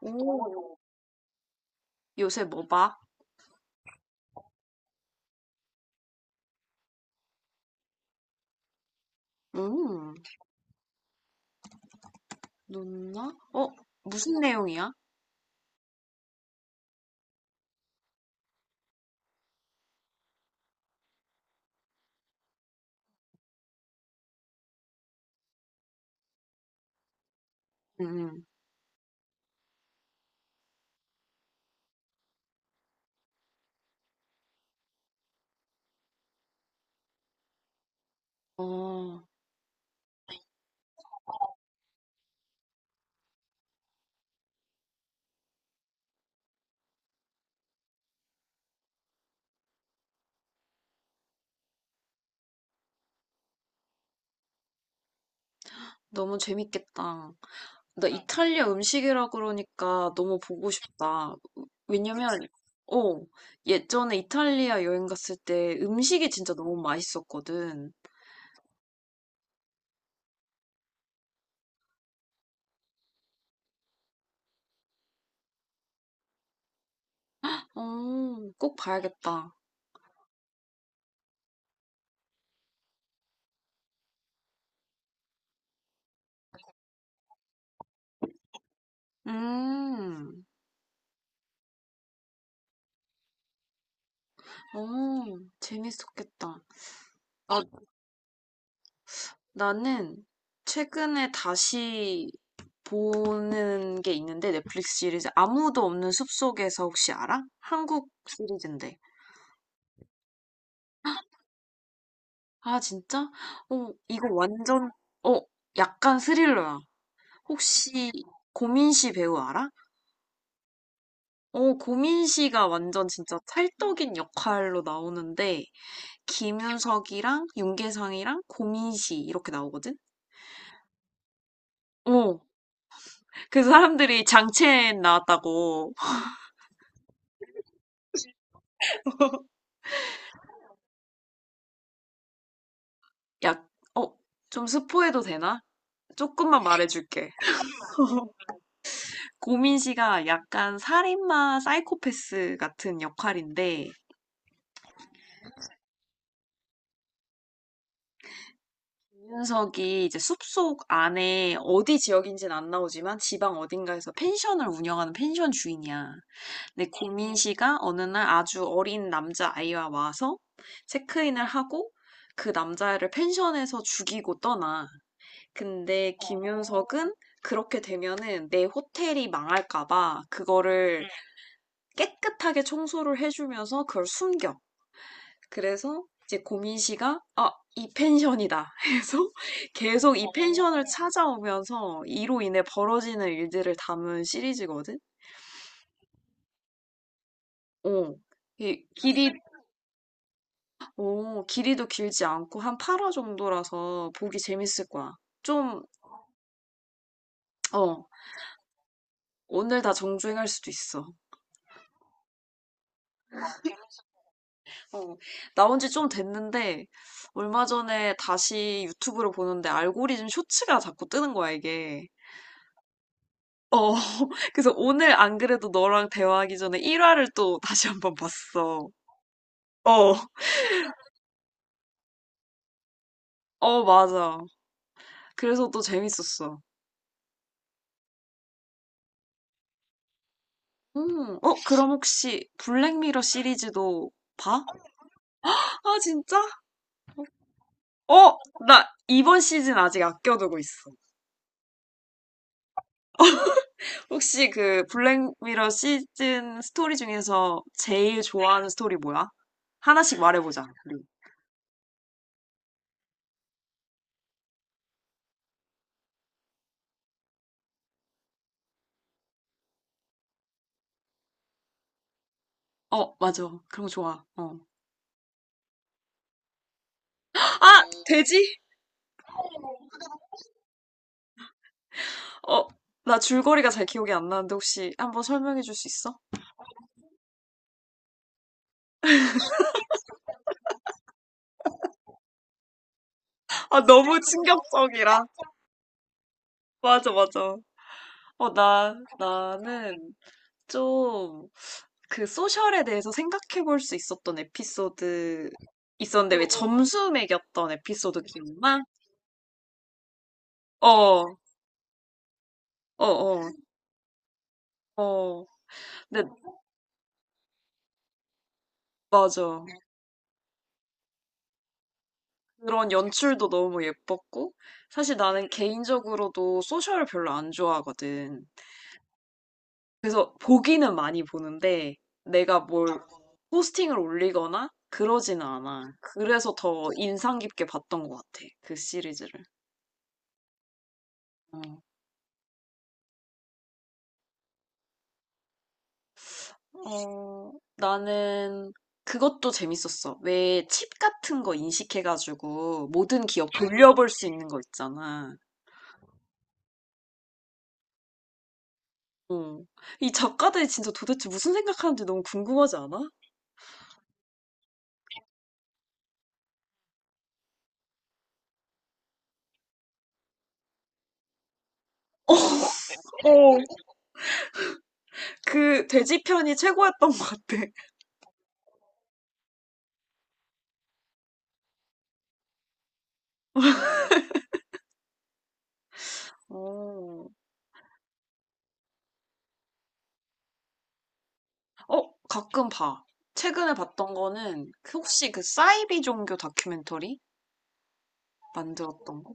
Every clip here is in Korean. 오, 요새 뭐 봐? 음, 눈나? 어, 무슨 내용이야? 음, 음. 어, 너무 재밌겠다. 나 이탈리아 음식이라 그러니까 너무 보고 싶다. 왜냐면, 어, 예전에 이탈리아 여행 갔을 때 음식이 진짜 너무 맛있었거든. 어, 꼭 봐야겠다. 음, 어, 재밌었겠다. 아, 나는 최근에 다시 보는 게 있는데 넷플릭스 시리즈 아무도 없는 숲속에서 혹시 알아? 한국 시리즈인데. 아, 진짜? 어, 이거 완전 어, 약간 스릴러야. 혹시 고민씨 배우 알아? 어, 고민씨가 완전 진짜 찰떡인 역할로 나오는데 김윤석이랑 윤계상이랑 고민씨 이렇게 나오거든? 어, 그 사람들이 장첸 나왔다고 약, 어, 좀 스포해도 되나? 조금만 말해줄게. 고민 씨가 약간 살인마 사이코패스 같은 역할인데, 윤석이 이제 숲속 안에 어디 지역인지는 안 나오지만 지방 어딘가에서 펜션을 운영하는 펜션 주인이야. 근데 고민 씨가 어느 날 아주 어린 남자 아이와 와서 체크인을 하고 그 남자애를 펜션에서 죽이고 떠나. 근데 김윤석은 그렇게 되면은 내 호텔이 망할까봐 그거를 깨끗하게 청소를 해주면서 그걸 숨겨. 그래서 이제 고민 씨가 아, 이 펜션이다 해서 계속 이 펜션을 찾아오면서 이로 인해 벌어지는 일들을 담은 시리즈거든. 어. 이 길이 오, 길이도 길지 않고 한 8화 정도라서 보기 재밌을 거야. 좀, 어, 오늘 다 정주행할 수도 있어. 어, 나온 지 좀 됐는데, 얼마 전에 다시 유튜브를 보는데 알고리즘 쇼츠가 자꾸 뜨는 거야, 이게. 어, 그래서 오늘 안 그래도 너랑 대화하기 전에 1화를 또 다시 한번 봤어. 어, 어, 맞아. 그래서 또 재밌었어. 어, 그럼 혹시 블랙미러 시리즈도 봐? 아, 진짜? 어, 나 이번 시즌 아직 아껴두고 있어. 혹시 그 블랙미러 시즌 스토리 중에서 제일 좋아하는 스토리 뭐야? 하나씩 말해보자, 우리. 어, 맞아. 그런 거 좋아. 어. 아, 돼지? 어, 나 줄거리가 잘 기억이 안 나는데 혹시 한번 설명해 줄 수 있어? 아, 너무 충격적이라. 맞아, 맞아. 어, 나는 좀 그 소셜에 대해서 생각해 볼 수 있었던 에피소드 있었는데 왜 점수 매겼던 에피소드 기억나? 어, 어, 어, 어. 근데 맞아. 그런 연출도 너무 예뻤고 사실 나는 개인적으로도 소셜을 별로 안 좋아하거든. 그래서 보기는 많이 보는데 내가 뭘 포스팅을 올리거나 그러지는 않아. 그래서 더 인상 깊게 봤던 것 같아. 그 시리즈를. 어, 어, 나는 그것도 재밌었어. 왜 칩 같은 거 인식해가지고 모든 기억 돌려볼 수 있는 거 있잖아. 어. 이 작가들이 진짜 도대체 무슨 생각하는지 너무 궁금하지 않아? 어, 그 돼지 편이 최고였던 것 같아. 어. 어, 가끔 봐. 최근에 봤던 거는 그 혹시 그 사이비 종교 다큐멘터리 만들었던 거?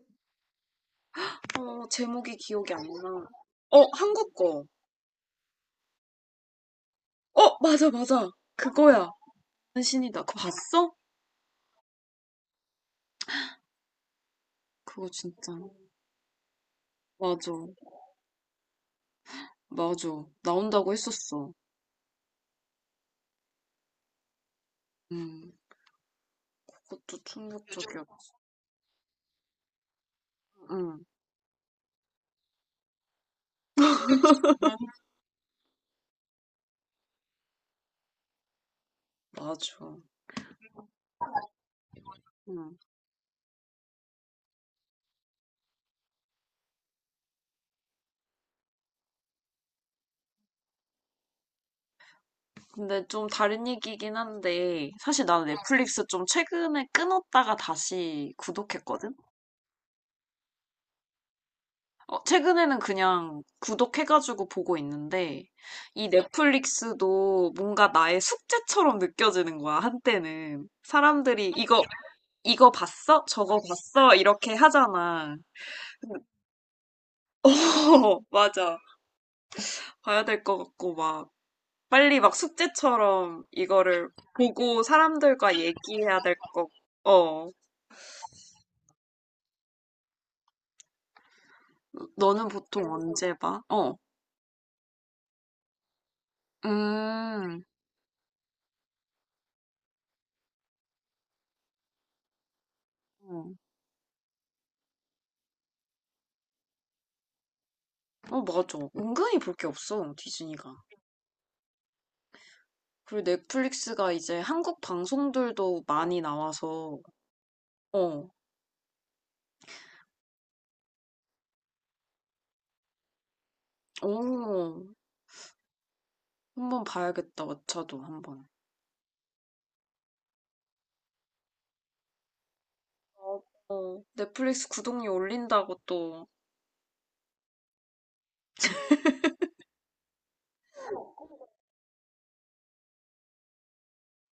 어, 제목이 기억이 안 나. 어, 한국 거. 어, 맞아, 맞아. 그거야. 신이다. 그거 봤어? 그거 진짜. 맞아, 맞아. 나온다고 했었어. 음, 그것도 충격적이었고. 응, 맞아. 응. 근데 좀 다른 얘기긴 한데, 사실 나는 넷플릭스 좀 최근에 끊었다가 다시 구독했거든? 어, 최근에는 그냥 구독해가지고 보고 있는데, 이 넷플릭스도 뭔가 나의 숙제처럼 느껴지는 거야, 한때는. 이거 봤어? 저거 봤어? 이렇게 하잖아. 어, 맞아. 봐야 될 것 같고, 막, 빨리 막 숙제처럼 이거를 보고 사람들과 얘기해야 될 것, 어. 너는 보통 언제 봐? 어. 음. 어, 어, 맞아. 은근히 볼 게 없어, 디즈니가. 그리고 넷플릭스가 이제 한국 방송들도 많이 나와서, 어, 오, 한번 봐야겠다, 왓챠도 한번. 어, 어. 넷플릭스 구독료 올린다고 또,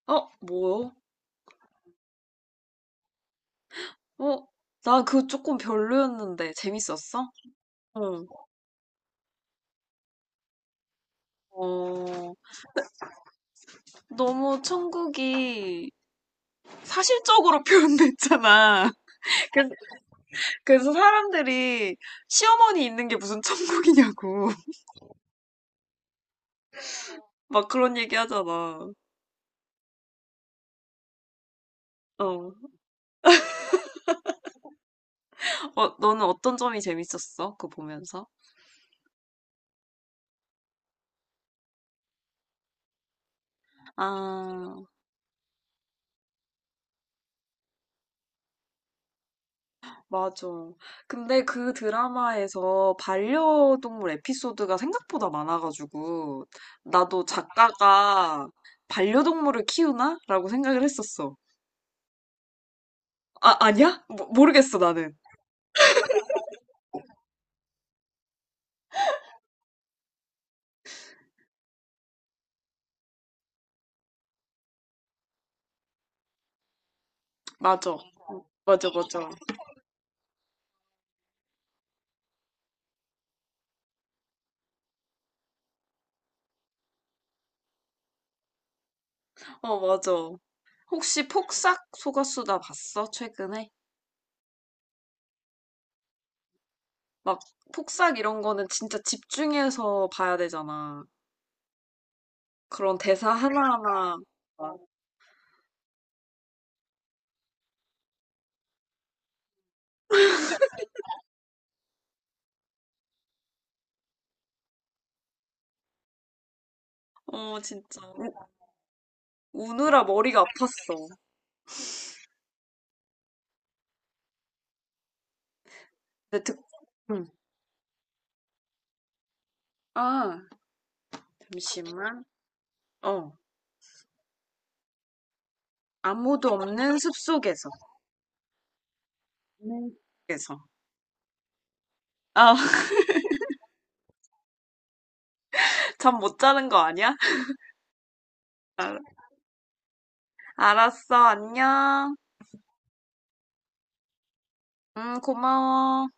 어, 뭐요? 어, 나 그거 조금 별로였는데, 재밌었어? 응. 어, 너무 천국이 사실적으로 표현됐잖아. 그래서, 그래서 사람들이 시어머니 있는 게 무슨 천국이냐고. 막 그런 얘기 하잖아. 어. 어, 너는 어떤 점이 재밌었어? 그거 보면서? 아, 맞아. 근데 그 드라마에서 반려동물 에피소드가 생각보다 많아가지고, 나도 작가가 반려동물을 키우나? 라고 생각을 했었어. 아, 아니야? 모르겠어, 나는. 맞아. 맞아, 맞아. 어, 맞아. 혹시 폭삭 소가수다 봤어? 최근에? 막, 폭삭 이런 거는 진짜 집중해서 봐야 되잖아. 그런 대사 하나하나. 어, 진짜. 우, 우느라 머리가 아팠어. 근데 듣, 응. 아, 잠시만. 어, 아무도 없는 숲속에서. 없는 숲속에서. 아, 잠 못 자는 거 아니야? 알- 알았어, 안녕. 고마워.